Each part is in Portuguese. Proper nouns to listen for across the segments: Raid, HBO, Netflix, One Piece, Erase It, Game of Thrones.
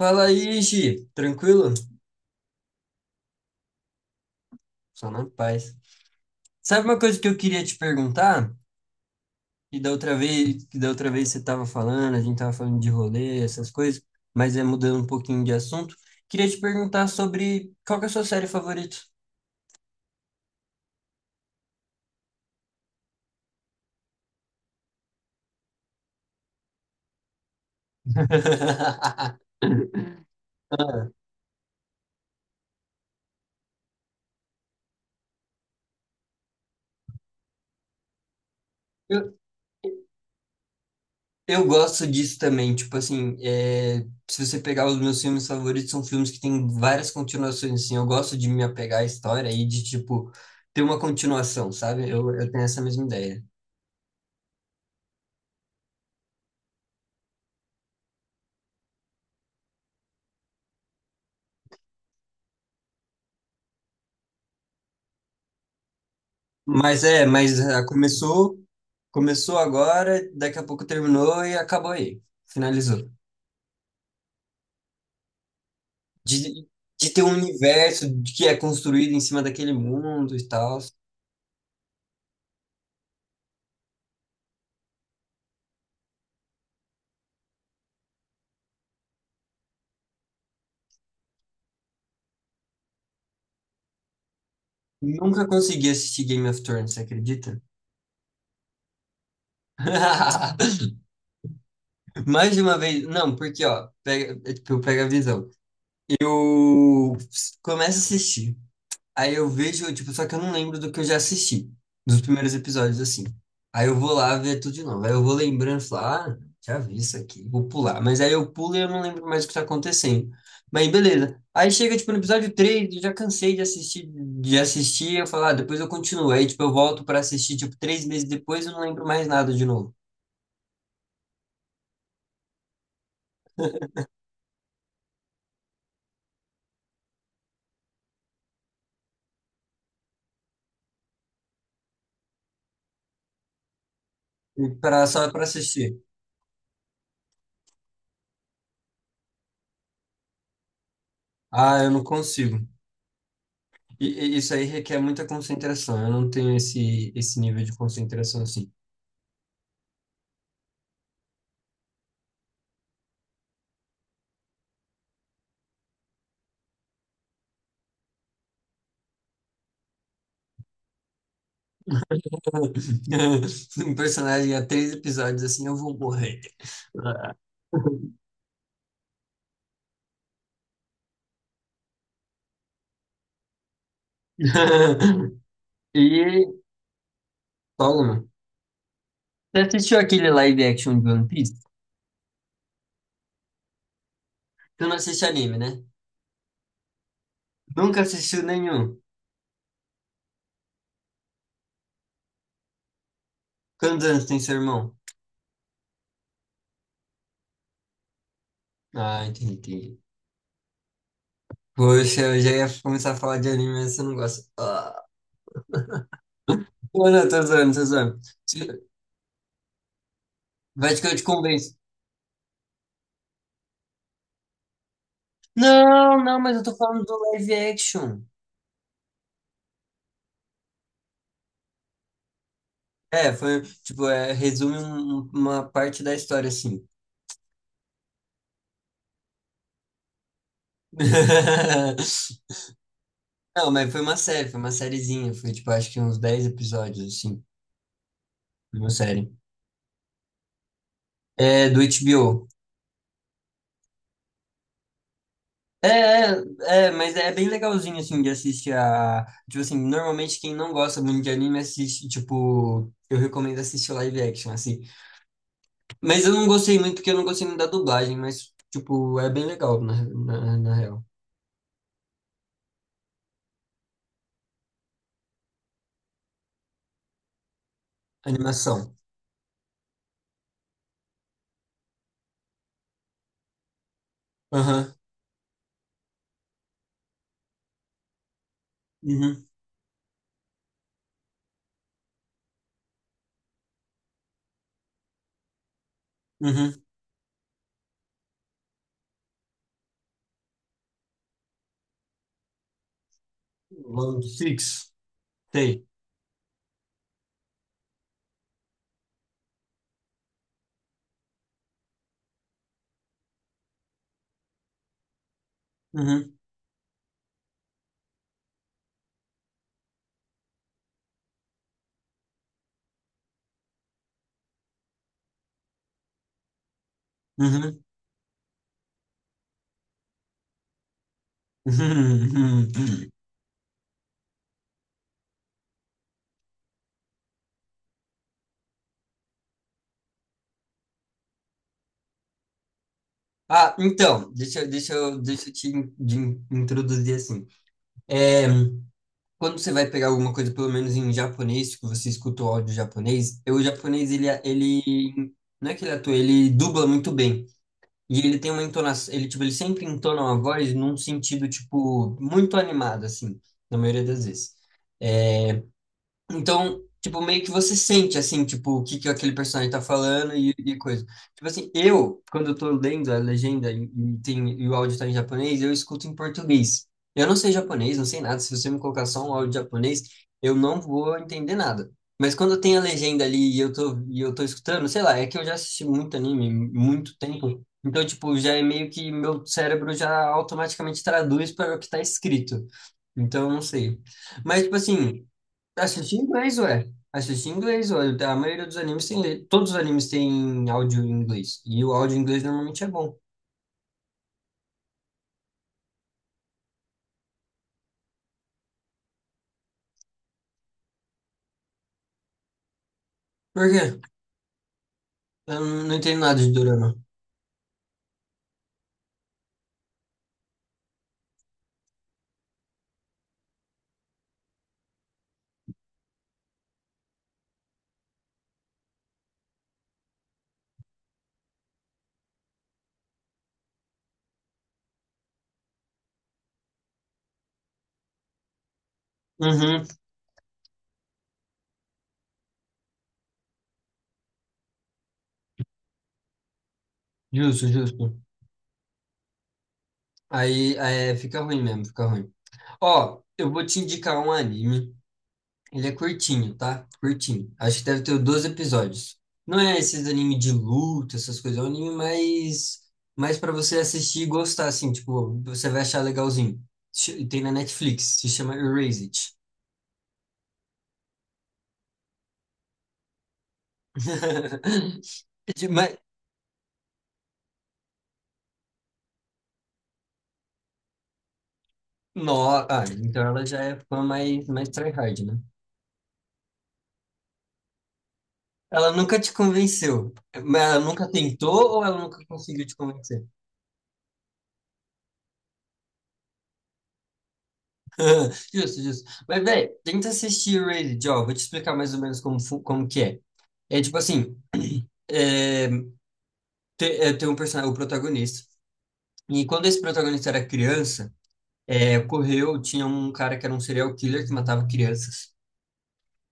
Fala aí, Gi. Tranquilo? Só na paz. Sabe uma coisa que eu queria te perguntar? E da outra vez, que da outra vez você estava falando, a gente estava falando de rolê, essas coisas, mas é mudando um pouquinho de assunto. Queria te perguntar sobre qual que é a sua série favorita? Ah, Eu, Eu gosto disso também, tipo assim, se você pegar os meus filmes favoritos, são filmes que têm várias continuações, assim, eu gosto de me apegar à história e de, tipo, ter uma continuação, sabe? Eu tenho essa mesma ideia. Mas é, mas começou agora, daqui a pouco terminou e acabou aí, finalizou. De, de ter um universo que é construído em cima daquele mundo e tal. Nunca consegui assistir Game of Thrones, você acredita? Mais de uma vez, não, porque ó, pega, é, tipo, pega a visão. Eu começo a assistir, aí eu vejo, tipo, só que eu não lembro do que eu já assisti, dos primeiros episódios, assim. Aí eu vou lá ver tudo de novo, aí eu vou lembrando, falar, ah, já vi isso aqui, vou pular. Mas aí eu pulo e eu não lembro mais o que tá acontecendo. Mas beleza. Aí chega, tipo, no episódio 3, eu já cansei de assistir, eu falo, ah, depois eu continuo. Aí, tipo, eu volto pra assistir, tipo, 3 meses depois eu não lembro mais nada de novo. Só pra assistir. Ah, eu não consigo. E isso aí requer muita concentração. Eu não tenho esse nível de concentração assim. Um personagem há três episódios assim, eu vou morrer. E, Paulo, mano, você assistiu aquele live action de One Piece? Tu não assiste anime, né? Nunca assistiu nenhum. Quantos anos tem seu irmão? Ah, entendi. Poxa, eu já ia começar a falar de anime, mas você não gosta. Ah, não, não, tô zoando, tô zoando. Vai que eu te convenço. Não, não, mas eu tô falando do live action. É, foi, tipo, é, resume uma parte da história, assim. Não, mas foi uma série, foi uma sériezinha, foi, tipo, acho que uns 10 episódios, assim, de uma série. É, do HBO. É, é, é, mas é bem legalzinho, assim, de assistir a... Tipo assim, normalmente quem não gosta muito de anime assiste, tipo... Eu recomendo assistir live action, assim. Mas eu não gostei muito, porque eu não gostei muito da dublagem, mas, tipo, é bem legal, na real. Animação. Aham, uhum, uhum. Load fixo. Sei. Uhum, uhum, uhum, uhum, uhum. Ah, então, deixa, deixa eu te introduzir assim. É, quando você vai pegar alguma coisa, pelo menos em japonês, que você escuta o áudio japonês, eu, o japonês, ele, não é que ele atua, ele dubla muito bem. E ele tem uma entonação, ele, tipo, ele sempre entona uma voz num sentido, tipo, muito animado, assim, na maioria das vezes. Então, tipo, meio que você sente, assim, tipo, o que que aquele personagem tá falando e coisa. Tipo assim, eu, quando eu tô lendo a legenda e o áudio tá em japonês, eu escuto em português. Eu não sei japonês, não sei nada. Se você me colocar só um áudio japonês, eu não vou entender nada. Mas quando tem a legenda ali e eu tô escutando, sei lá, é que eu já assisti muito anime, muito tempo. Então, tipo, já é meio que meu cérebro já automaticamente traduz para o que tá escrito. Então, eu não sei. Mas, tipo assim... Assisti em inglês, ué. Assisti em inglês, ué. A maioria dos animes tem. Todos os animes têm áudio em inglês. E o áudio em inglês normalmente é bom. Por quê? Eu não entendo nada de dorama. Uhum. Justo, justo. Aí, é, fica ruim mesmo, fica ruim. Ó, eu vou te indicar um anime. Ele é curtinho, tá? Curtinho. Acho que deve ter 12 episódios. Não é esses anime de luta, essas coisas. É um anime mais, mais para você assistir e gostar, assim. Tipo, você vai achar legalzinho. Tem na Netflix. Se chama Erase It. Mas, no, ah, então ela já é fã mais, mais tryhard, né? Ela nunca te convenceu. Mas ela nunca tentou ou ela nunca conseguiu te convencer? Justo, justo. Mas, velho, tenta assistir Raid, ó. Vou te explicar mais ou menos como que é. É tipo assim, é, tem um personagem, o protagonista. E quando esse protagonista era criança, ocorreu, tinha um cara que era um serial killer que matava crianças.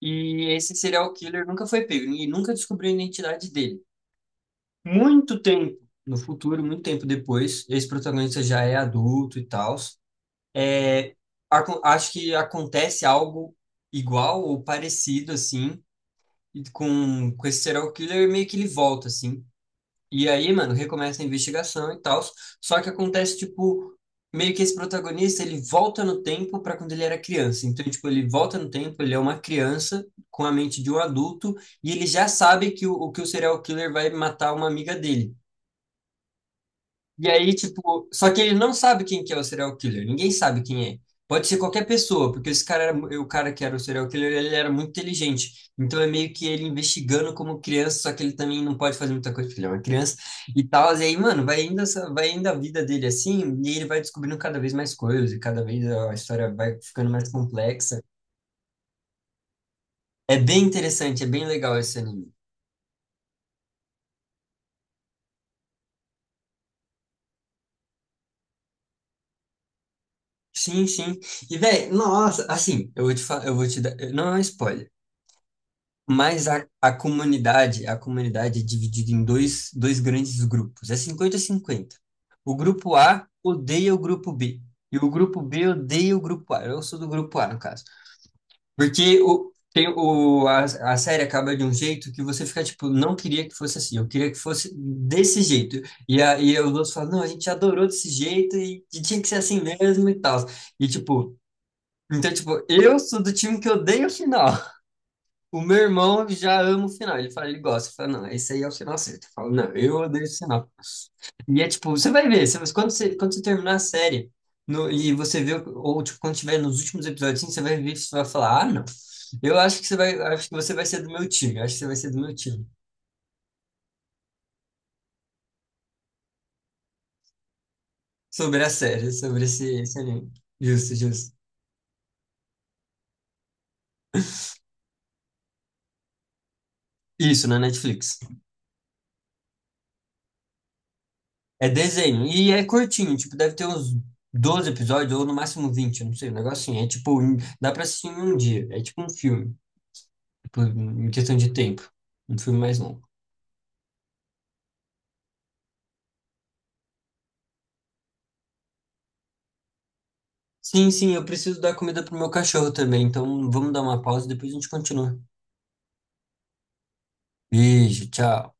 E esse serial killer nunca foi pego, e nunca descobriu a identidade dele. Muito tempo no futuro, muito tempo depois, esse protagonista já é adulto e tal. Acho que acontece algo igual ou parecido assim e com esse serial killer meio que ele volta assim. E aí, mano, recomeça a investigação e tal. Só que acontece, tipo, meio que esse protagonista, ele volta no tempo para quando ele era criança. Então, tipo, ele volta no tempo, ele é uma criança com a mente de um adulto e ele já sabe que o serial killer vai matar uma amiga dele. E aí, tipo, só que ele não sabe quem que é o serial killer. Ninguém sabe quem é. Pode ser qualquer pessoa, porque esse cara o cara que era o serial killer, ele era muito inteligente. Então é meio que ele investigando como criança, só que ele também não pode fazer muita coisa, porque ele é uma criança e tal. E aí, mano, vai indo, vai indo a vida dele assim, e ele vai descobrindo cada vez mais coisas, e cada vez a história vai ficando mais complexa. É bem interessante, é bem legal esse anime. Sim, sim. E, velho, nossa, assim, eu vou te falar, eu vou te dar, não é um spoiler. Mas a comunidade é dividida em dois grandes grupos. É 50 cinquenta. O grupo A odeia o grupo B. E o grupo B odeia o grupo A. Eu sou do grupo A, no caso. Porque o, tem o, a série acaba de um jeito que você fica tipo, não queria que fosse assim, eu queria que fosse desse jeito. E os outros falam, não, a gente adorou desse jeito e tinha que ser assim mesmo e tal. E tipo, então, tipo, eu sou do time que odeia o final. O meu irmão já ama o final. Ele fala, ele gosta. Ele fala, não, esse aí é o final certo. Eu falo, não, eu odeio esse final. E é tipo, você vai ver, você, mas quando você terminar a série e você vê, ou tipo, quando tiver nos últimos episódios, assim, você vai ver, você vai falar, ah, não. Eu acho que você vai, Acho que você vai ser do meu time. Eu acho que você vai ser do meu time. Sobre a série, sobre esse anime. Justo, justo. Isso, na Netflix. É desenho. E é curtinho, tipo, deve ter uns 12 episódios, ou no máximo 20, eu não sei, um negocinho. É tipo, dá pra assistir em um dia. É tipo um filme. Por em questão de tempo. Um filme mais longo. Sim, sim, eu preciso dar comida pro meu cachorro também, então vamos dar uma pausa e depois a gente continua. Beijo, tchau.